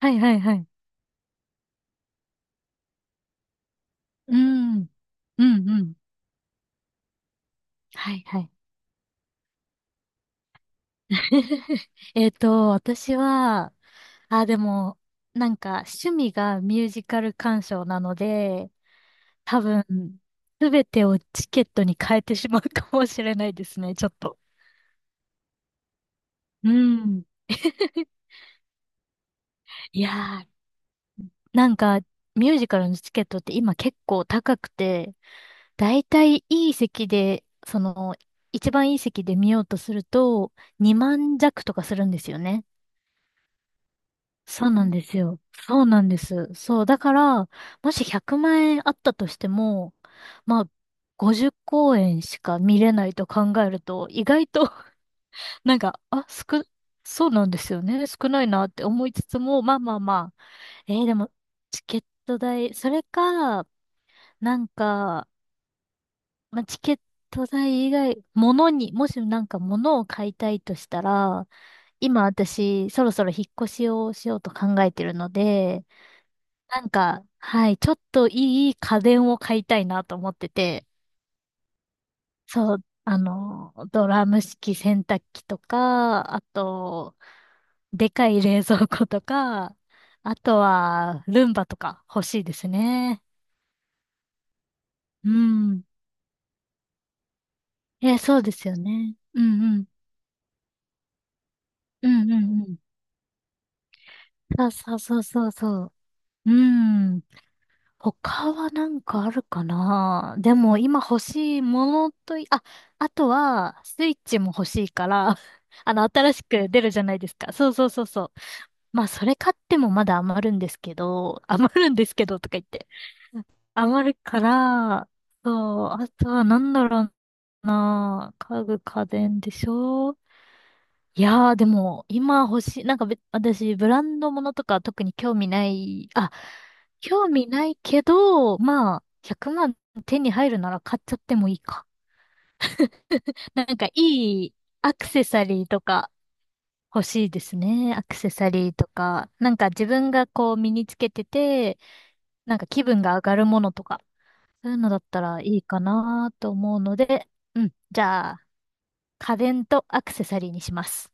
はいはいはい。うん。うんうん。はいはい。私は、あ、でも、なんか趣味がミュージカル鑑賞なので、多分、すべてをチケットに変えてしまうかもしれないですね、ちょっと。うん。いやー、なんか、ミュージカルのチケットって今結構高くて、だいたいいい席で、その、一番いい席で見ようとすると、2万弱とかするんですよね。そうなんですよ。そうなんです。そう。だから、もし100万円あったとしても、まあ、50公演しか見れないと考えると、意外と なんか、そうなんですよね。少ないなって思いつつも、まあまあまあ。でも、チケット代、それか、なんか、まあ、チケット代以外、物に、もしなんか物を買いたいとしたら、今私、そろそろ引っ越しをしようと考えてるので、なんか、はい、ちょっといい家電を買いたいなと思ってて、そう、あの、ドラム式洗濯機とか、あと、でかい冷蔵庫とか、あとは、ルンバとか欲しいですね。うん。え、そうですよね。うんうん。うんうんうん。そうそうそうそうそう。うん。他はなんかあるかなでも今欲しいものとい、あ、あとはスイッチも欲しいから、あの新しく出るじゃないですか。そうそうそうそう。まあそれ買ってもまだ余るんですけど、余るんですけどとか言って。余るから、そう、あとはなんだろうな。家具家電でしょ。いやー、でも、今欲しい、なんかべ、私、ブランドものとか特に興味ない、あ、興味ないけど、まあ、100万手に入るなら買っちゃってもいいか。なんか、いいアクセサリーとか欲しいですね。アクセサリーとか、なんか自分がこう身につけてて、なんか気分が上がるものとか、そういうのだったらいいかなと思うので、うん、じゃあ、家電とアクセサリーにします。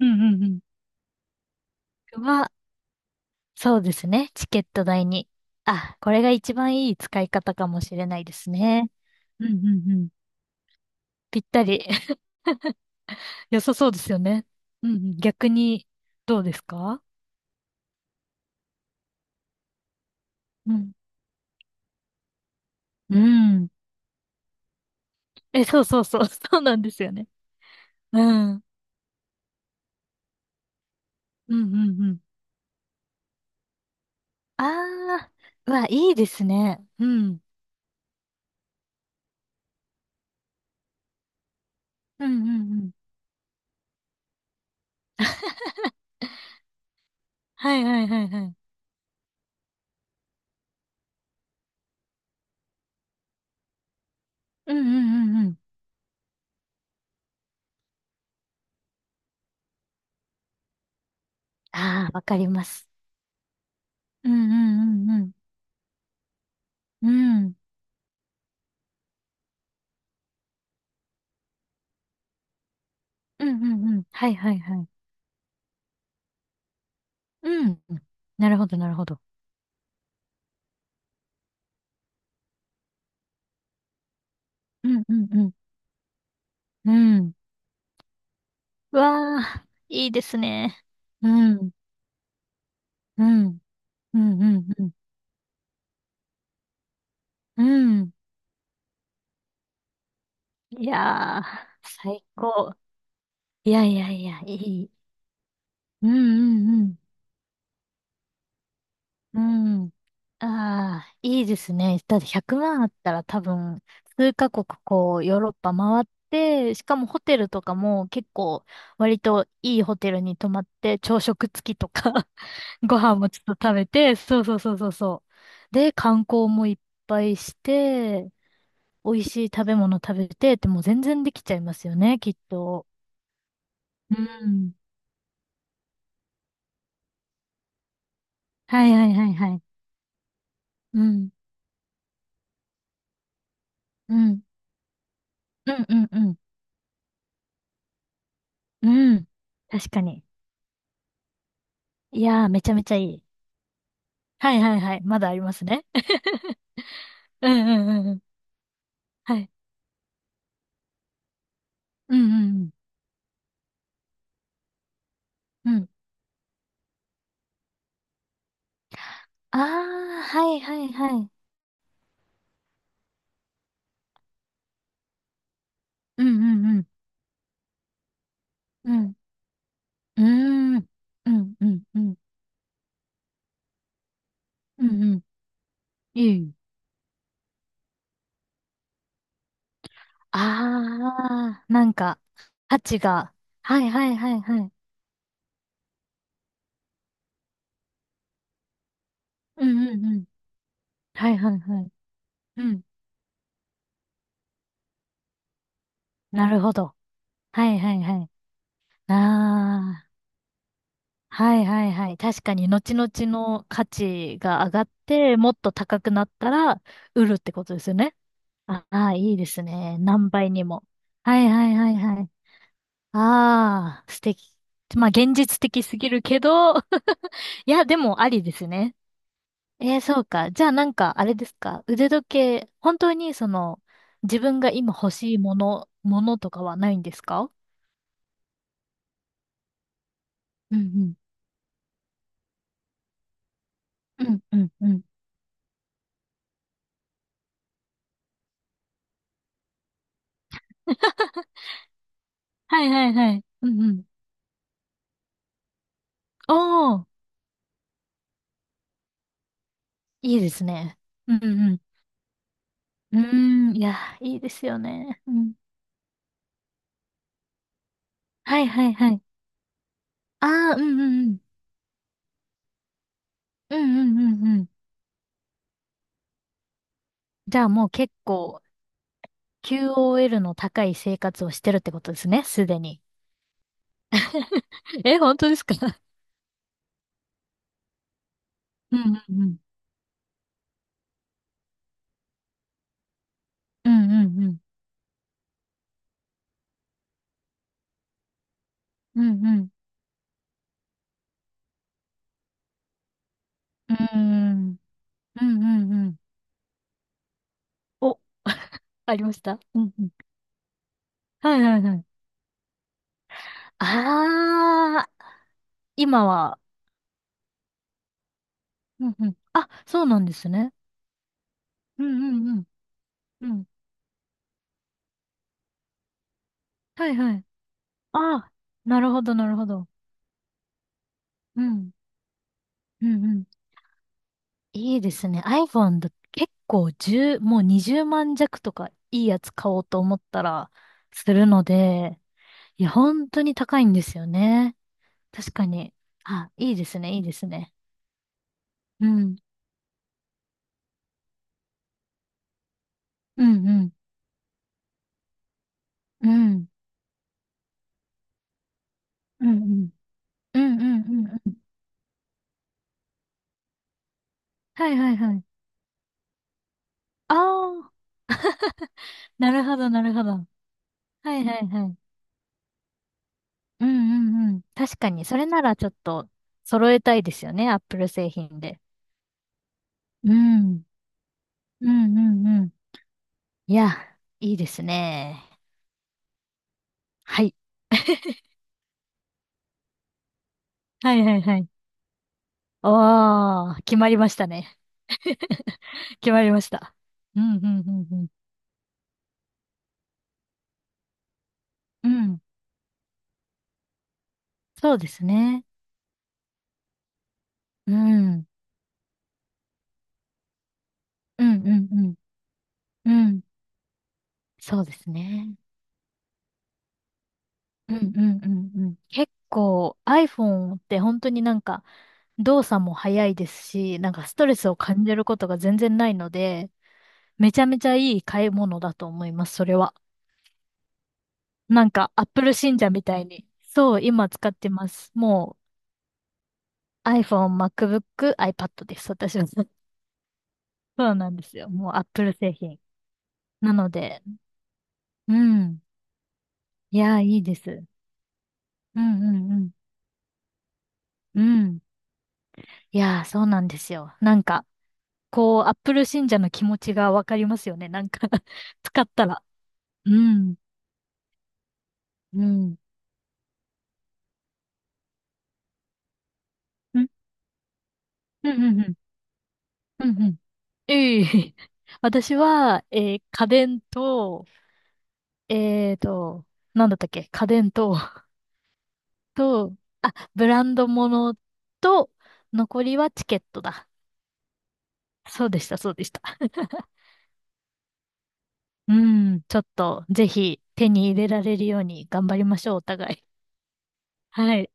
うんうんうん。は、そうですね。チケット代に。あ、これが一番いい使い方かもしれないですね。うんうんうん。ぴったり。良さそうですよね。うんうん。逆に、どうですか？うん。うん。え、そうそうそう。そうなんですよね。うん。うんうんうん。ああ、うわ、いいですね。うん。うんうんうん。はいはいはいはい。うんうんうんうん。ああ、わかります。うんうんうんうん。うん。うんうんうん。はいはいはい。うん。なるほどなるほど。うんうんうん。うん。うわあ、いいですね。うん。うん。うんうんうん。うん。いやー、最高。いやいやいや、いい。うんうんうん。うん。ああ、いいですね。だって100万あったら多分、数カ国こう、ヨーロッパ回って、しかもホテルとかも結構、割といいホテルに泊まって、朝食付きとか ご飯もちょっと食べて、そうそうそうそうそう。で、観光もいっぱいして、美味しい食べ物食べてって、もう全然できちゃいますよね、きっと。うん。はいはいはいはい。うん。うん。うんうんうん。うん。確かに。いやー、めちゃめちゃいい。はいはいはい。まだありますね。うんうんうんうん。はい。うんうんうん。うん。ああ、はいはいはい。うんうんうん。うん。うーん。うんうんうん。うんうん。いい。ああ、なんか、価値が。はいはいはいはい。うんうんうん。はいはいはい。うん。なるほど。はいはいはい。ああ。はいはいはい。確かに、後々の価値が上がって、もっと高くなったら、売るってことですよね。ああー、いいですね。何倍にも。はいはいはいはい。ああ、素敵。まあ、現実的すぎるけど、いや、でもありですね。そうか。じゃあなんか、あれですか。腕時計、本当にその、自分が今欲しいもの、ものとかはないんですか？うんうん。うんうんうん。はいはいはい。うんうん。おー。いいですね。うんうんうん。うーん、いや、いいですよね。うん。はいはいはい。ああ、うんうんうん。うんうんうんうん。じゃあもう結構、QOL の高い生活をしてるってことですね、すでに。え、本当ですか？うんうんうん。うんうんうん。うんうん。うんうんうんうん。お、ありましたうんうん。はいはいはい。ああ、今は。うんうん。あ、そうなんですね。うんうんうん。うん。はいはい。ああ、なるほど、なるほど。うん、うん、うん。いいですね。iPhone だ、結構1もう20万弱とかいいやつ買おうと思ったらするので、いや、本当に高いんですよね。確かに。あ、いいですね、いいですね。うん、うん、うん、うん、うん、うん、うん、うん、うん。うん、はいはいはい。ああ、なるほど、なるほど。はいはいはい。うん、うん、うん。確かに、それならちょっと揃えたいですよね、Apple 製品で。うん。うんうんうん。いや、いいですね。はい。はいはいはい。おー、決まりましたね。決まりました。うんうんうんうん。うん。そうですね。うん。うんうんうん。うん。そうですね。うんうんうんうん。結構 iPhone って本当になんか動作も早いですし、なんかストレスを感じることが全然ないので、めちゃめちゃいい買い物だと思います、それは。なんか Apple 信者みたいに。そう、今使ってます。もう iPhone、MacBook、iPad です。私は。そうなんですよ。もう Apple 製品。なので、うん。いやー、いいです。うんうんうん。うん。いやー、そうなんですよ。なんか、こう、Apple 信者の気持ちがわかりますよね。なんか 使ったら。うん。うん。うん。うん。うん。うん。うん。ええ 私は、えー家電と、えーと、なんだったっけ家電と、と、あ、ブランド物と、残りはチケットだ。そうでした、そうでした。うん、ちょっと、ぜひ手に入れられるように頑張りましょう、お互い。はい。